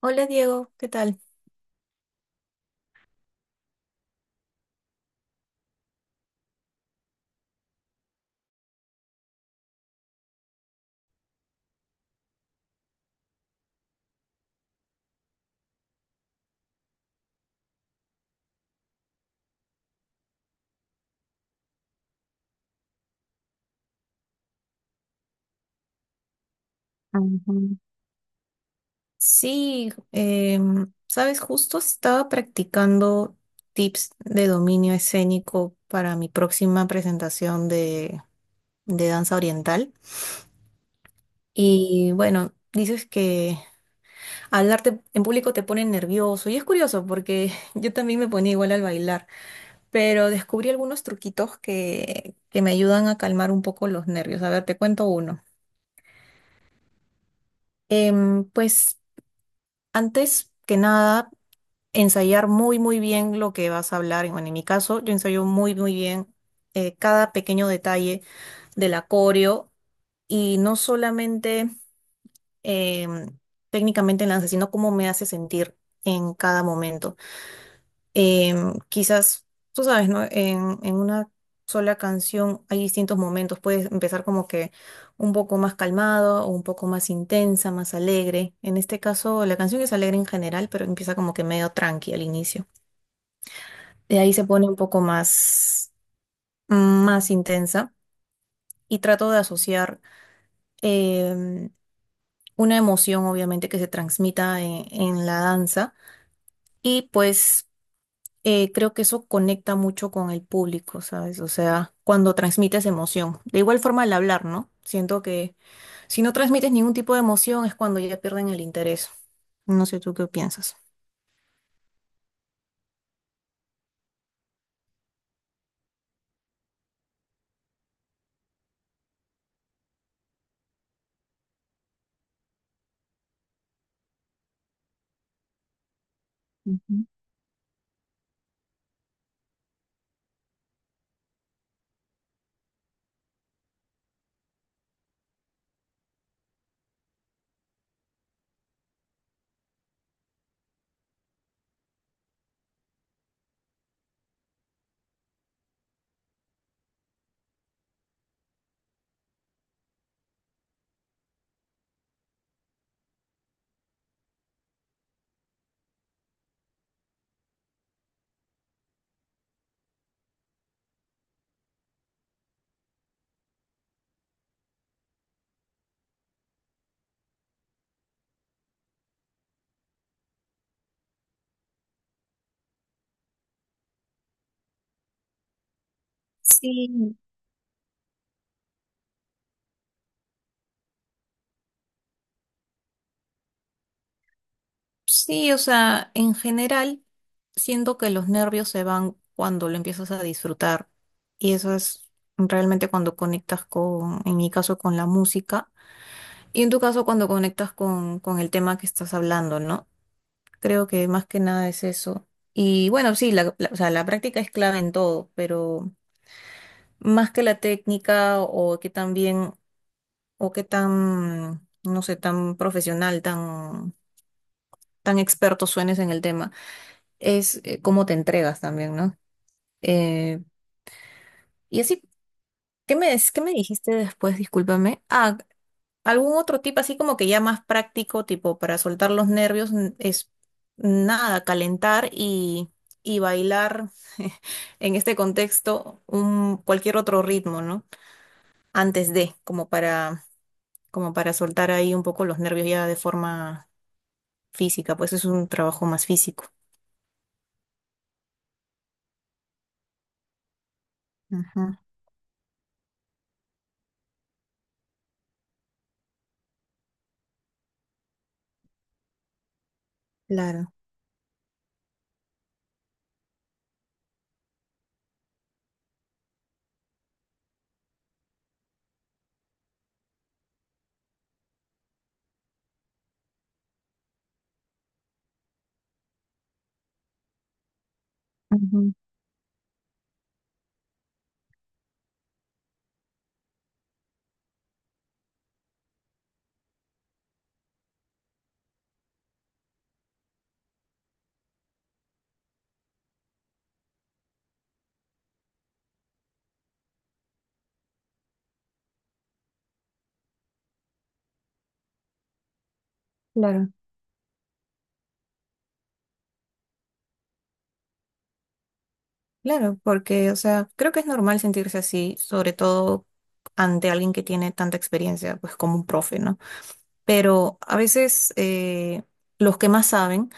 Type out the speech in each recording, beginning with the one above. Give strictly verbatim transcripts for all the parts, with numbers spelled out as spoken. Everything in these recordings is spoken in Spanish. Hola Diego, ¿qué tal? Ujú. Sí, em, sabes, justo estaba practicando tips de dominio escénico para mi próxima presentación de, de danza oriental. Y bueno, dices que hablarte en público te pone nervioso y es curioso porque yo también me ponía igual al bailar, pero descubrí algunos truquitos que, que me ayudan a calmar un poco los nervios. A ver, te cuento uno. Em, pues antes que nada ensayar muy, muy bien lo que vas a hablar. En- Bueno, en mi caso, yo ensayo muy, muy bien eh, cada pequeño detalle del acorio y no solamente em, técnicamente en danza, sino cómo me hace sentir en cada momento. Em, quizás, tú sabes, ¿no? En, en una sola canción hay distintos momentos. Puedes empezar como que un poco más calmado o un poco más intensa, más alegre. En este caso, la canción es alegre en general, pero empieza como que medio tranqui al inicio. De ahí se pone un poco más, más intensa y trato de asociar em, una emoción, obviamente, que se transmita en, en la danza y pues eh, creo que eso conecta mucho con el público, ¿sabes? O sea, cuando transmites emoción. De igual forma el hablar, ¿no? Siento que si no transmites ningún tipo de emoción es cuando ya pierden el interés. No sé tú qué piensas. Sí, sí, o sea, en general, siento que los nervios se van cuando lo empiezas a disfrutar. Y eso es realmente cuando conectas con, en mi caso, con la música. Y en tu caso, cuando conectas con, con el tema que estás hablando, ¿no? Creo que más que nada es eso. Y bueno, sí, la, la- o sea, la práctica es clave en todo, pero más que la técnica o que tan bien, o que tan, no sé, tan profesional, tan, tan experto suenes en el tema es eh, cómo te entregas también, ¿no? Eh, y así, ¿qué me, des- qué me dijiste después? Discúlpame. Ah, algún otro tip así como que ya más práctico, tipo para soltar los nervios, n- es nada, calentar y, y bailar en este contexto un, cualquier otro ritmo, ¿no? Antes de, como para, como para soltar ahí un poco los nervios ya de forma física, pues es un trabajo más físico. Ajá, claro. Ujú, claro. Claro, porque, o sea, creo que es normal sentirse así, sobre todo ante alguien que tiene tanta experiencia, pues como un profe, ¿no? Pero a veces eh, los que más saben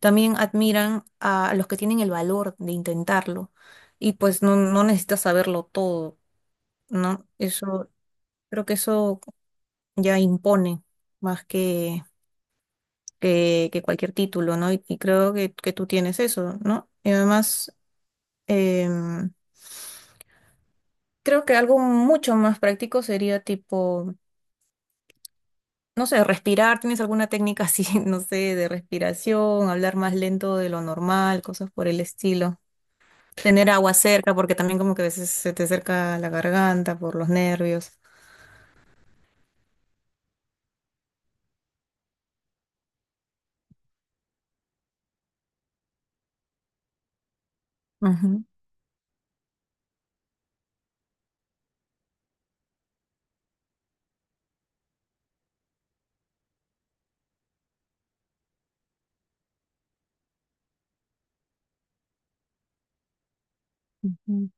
también admiran a los que tienen el valor de intentarlo y pues no, no necesitas saberlo todo, ¿no? Eso, creo que eso ya impone más que, que, que cualquier título, ¿no? Y, y creo que, que tú tienes eso, ¿no? Y además em, creo que algo mucho más práctico sería tipo, no sé, respirar. ¿Tienes alguna técnica así, no sé, de respiración, hablar más lento de lo normal, cosas por el estilo? Tener agua cerca, porque también como que a veces se te acerca la garganta por los nervios. Ujú, ujú.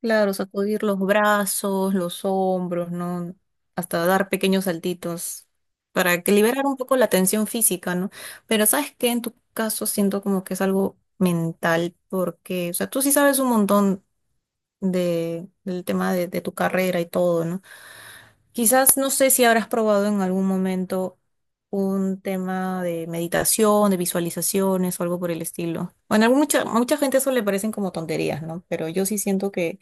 Claro, sacudir los brazos, los hombros, ¿no? Hasta dar pequeños saltitos para que liberar un poco la tensión física, ¿no? Pero sabes que en tu caso siento como que es algo mental, porque, o sea, tú sí sabes un montón de, del tema de, de tu carrera y todo, ¿no? Quizás no sé si habrás probado en algún momento un tema de meditación, de visualizaciones o algo por el estilo. Bueno, a mucha, mucha gente eso le parecen como tonterías, ¿no? Pero yo sí siento que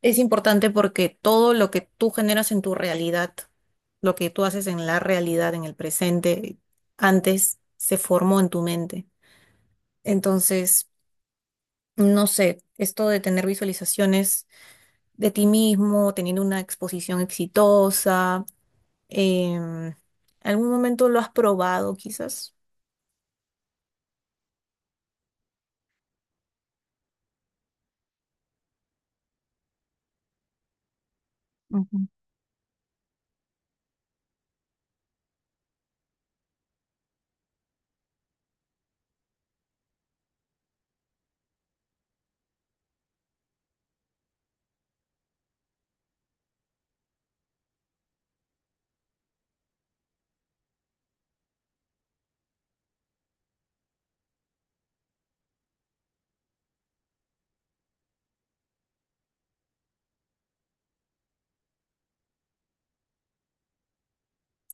es importante porque todo lo que tú generas en tu realidad, lo que tú haces en la realidad, en el presente, antes se formó en tu mente. Entonces, no sé, esto de tener visualizaciones de ti mismo, teniendo una exposición exitosa, em, ¿algún momento lo has probado quizás? Ujú.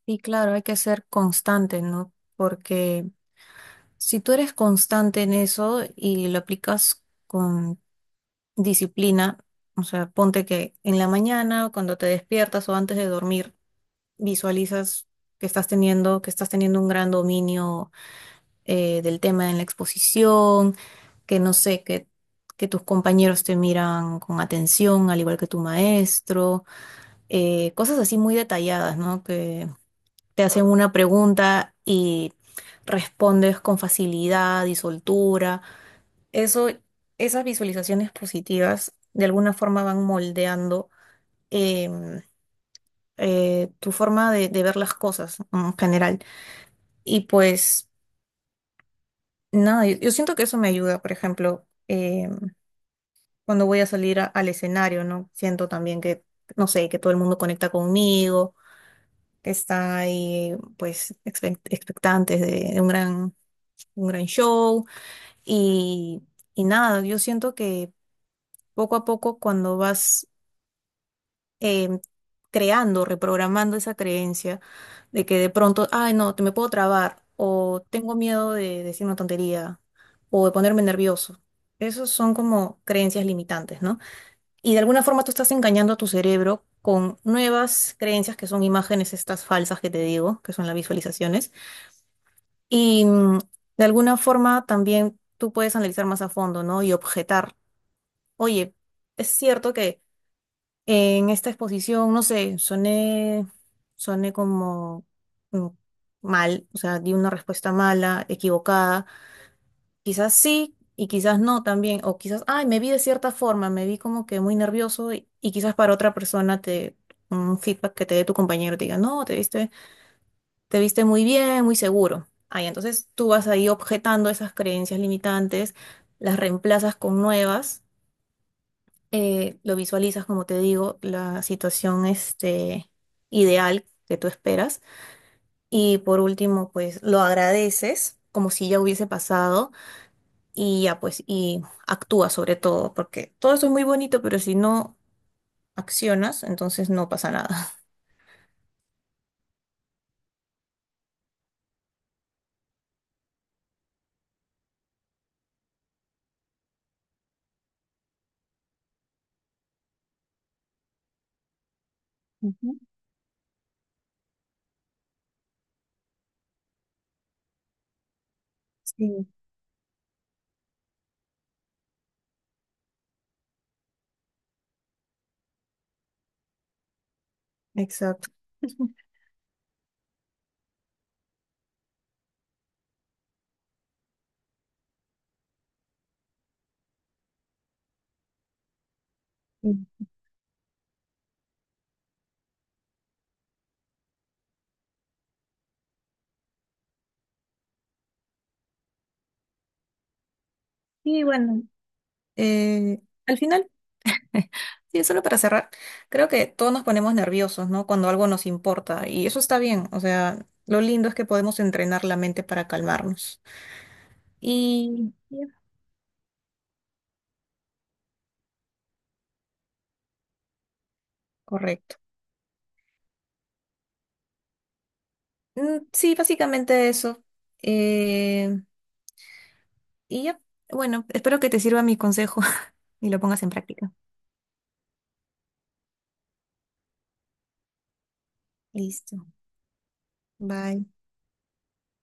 Sí, claro, hay que ser constante, ¿no? Porque si tú eres constante en eso y lo aplicas con disciplina, o sea, ponte que en la mañana, cuando te despiertas o antes de dormir, visualizas que estás teniendo, que estás teniendo un gran dominio eh, del tema en la exposición, que no sé, que, que tus compañeros te miran con atención, al igual que tu maestro, eh, cosas así muy detalladas, ¿no? Que te hacen una pregunta y respondes con facilidad y soltura. Eso, esas visualizaciones positivas de alguna forma van moldeando em, eh, tu forma de, de ver las cosas, ¿no? En general. Y pues nada, yo, yo siento que eso me ayuda, por ejemplo, em, cuando voy a salir a- al escenario, ¿no? Siento también que, no sé, que todo el mundo conecta conmigo, que está ahí pues expect- expectantes de, de un gran, un gran show. Y, y nada, yo siento que poco a poco cuando vas em, creando, reprogramando esa creencia de que de pronto, ay, no, te me puedo trabar, o tengo miedo de decir una tontería, o de ponerme nervioso. Esos son como creencias limitantes, ¿no? Y de alguna forma tú estás engañando a tu cerebro con nuevas creencias que son imágenes estas falsas que te digo, que son las visualizaciones. Y mm, de alguna forma también tú puedes analizar más a fondo, ¿no? Y objetar, oye, es cierto que en esta exposición, no sé, soné, soné como mm, mal, o sea, di una respuesta mala, equivocada. Quizás sí y quizás no también, o quizás, ay, me vi de cierta forma, me vi como que muy nervioso y, y quizás para otra persona te, un feedback que te dé tu compañero te diga, no, te viste, te viste muy bien, muy seguro. Ay, entonces tú vas ahí objetando esas creencias limitantes, las reemplazas con nuevas eh, lo visualizas, como te digo, la situación este, ideal que tú esperas. Y por último, pues lo agradeces como si ya hubiese pasado y ya pues y actúa sobre todo, porque todo eso es muy bonito, pero si no accionas, entonces no pasa nada. Ujú. Sí, exacto. Y bueno, eh, al final sí, solo para cerrar, creo que todos nos ponemos nerviosos, ¿no? Cuando algo nos importa y eso está bien, o sea, lo lindo es que podemos entrenar la mente para calmarnos. Y ya, correcto. Mm, Sí, básicamente eso. Eh, y ya, bueno, espero que te sirva mi consejo y lo pongas en práctica. Listo. Bye.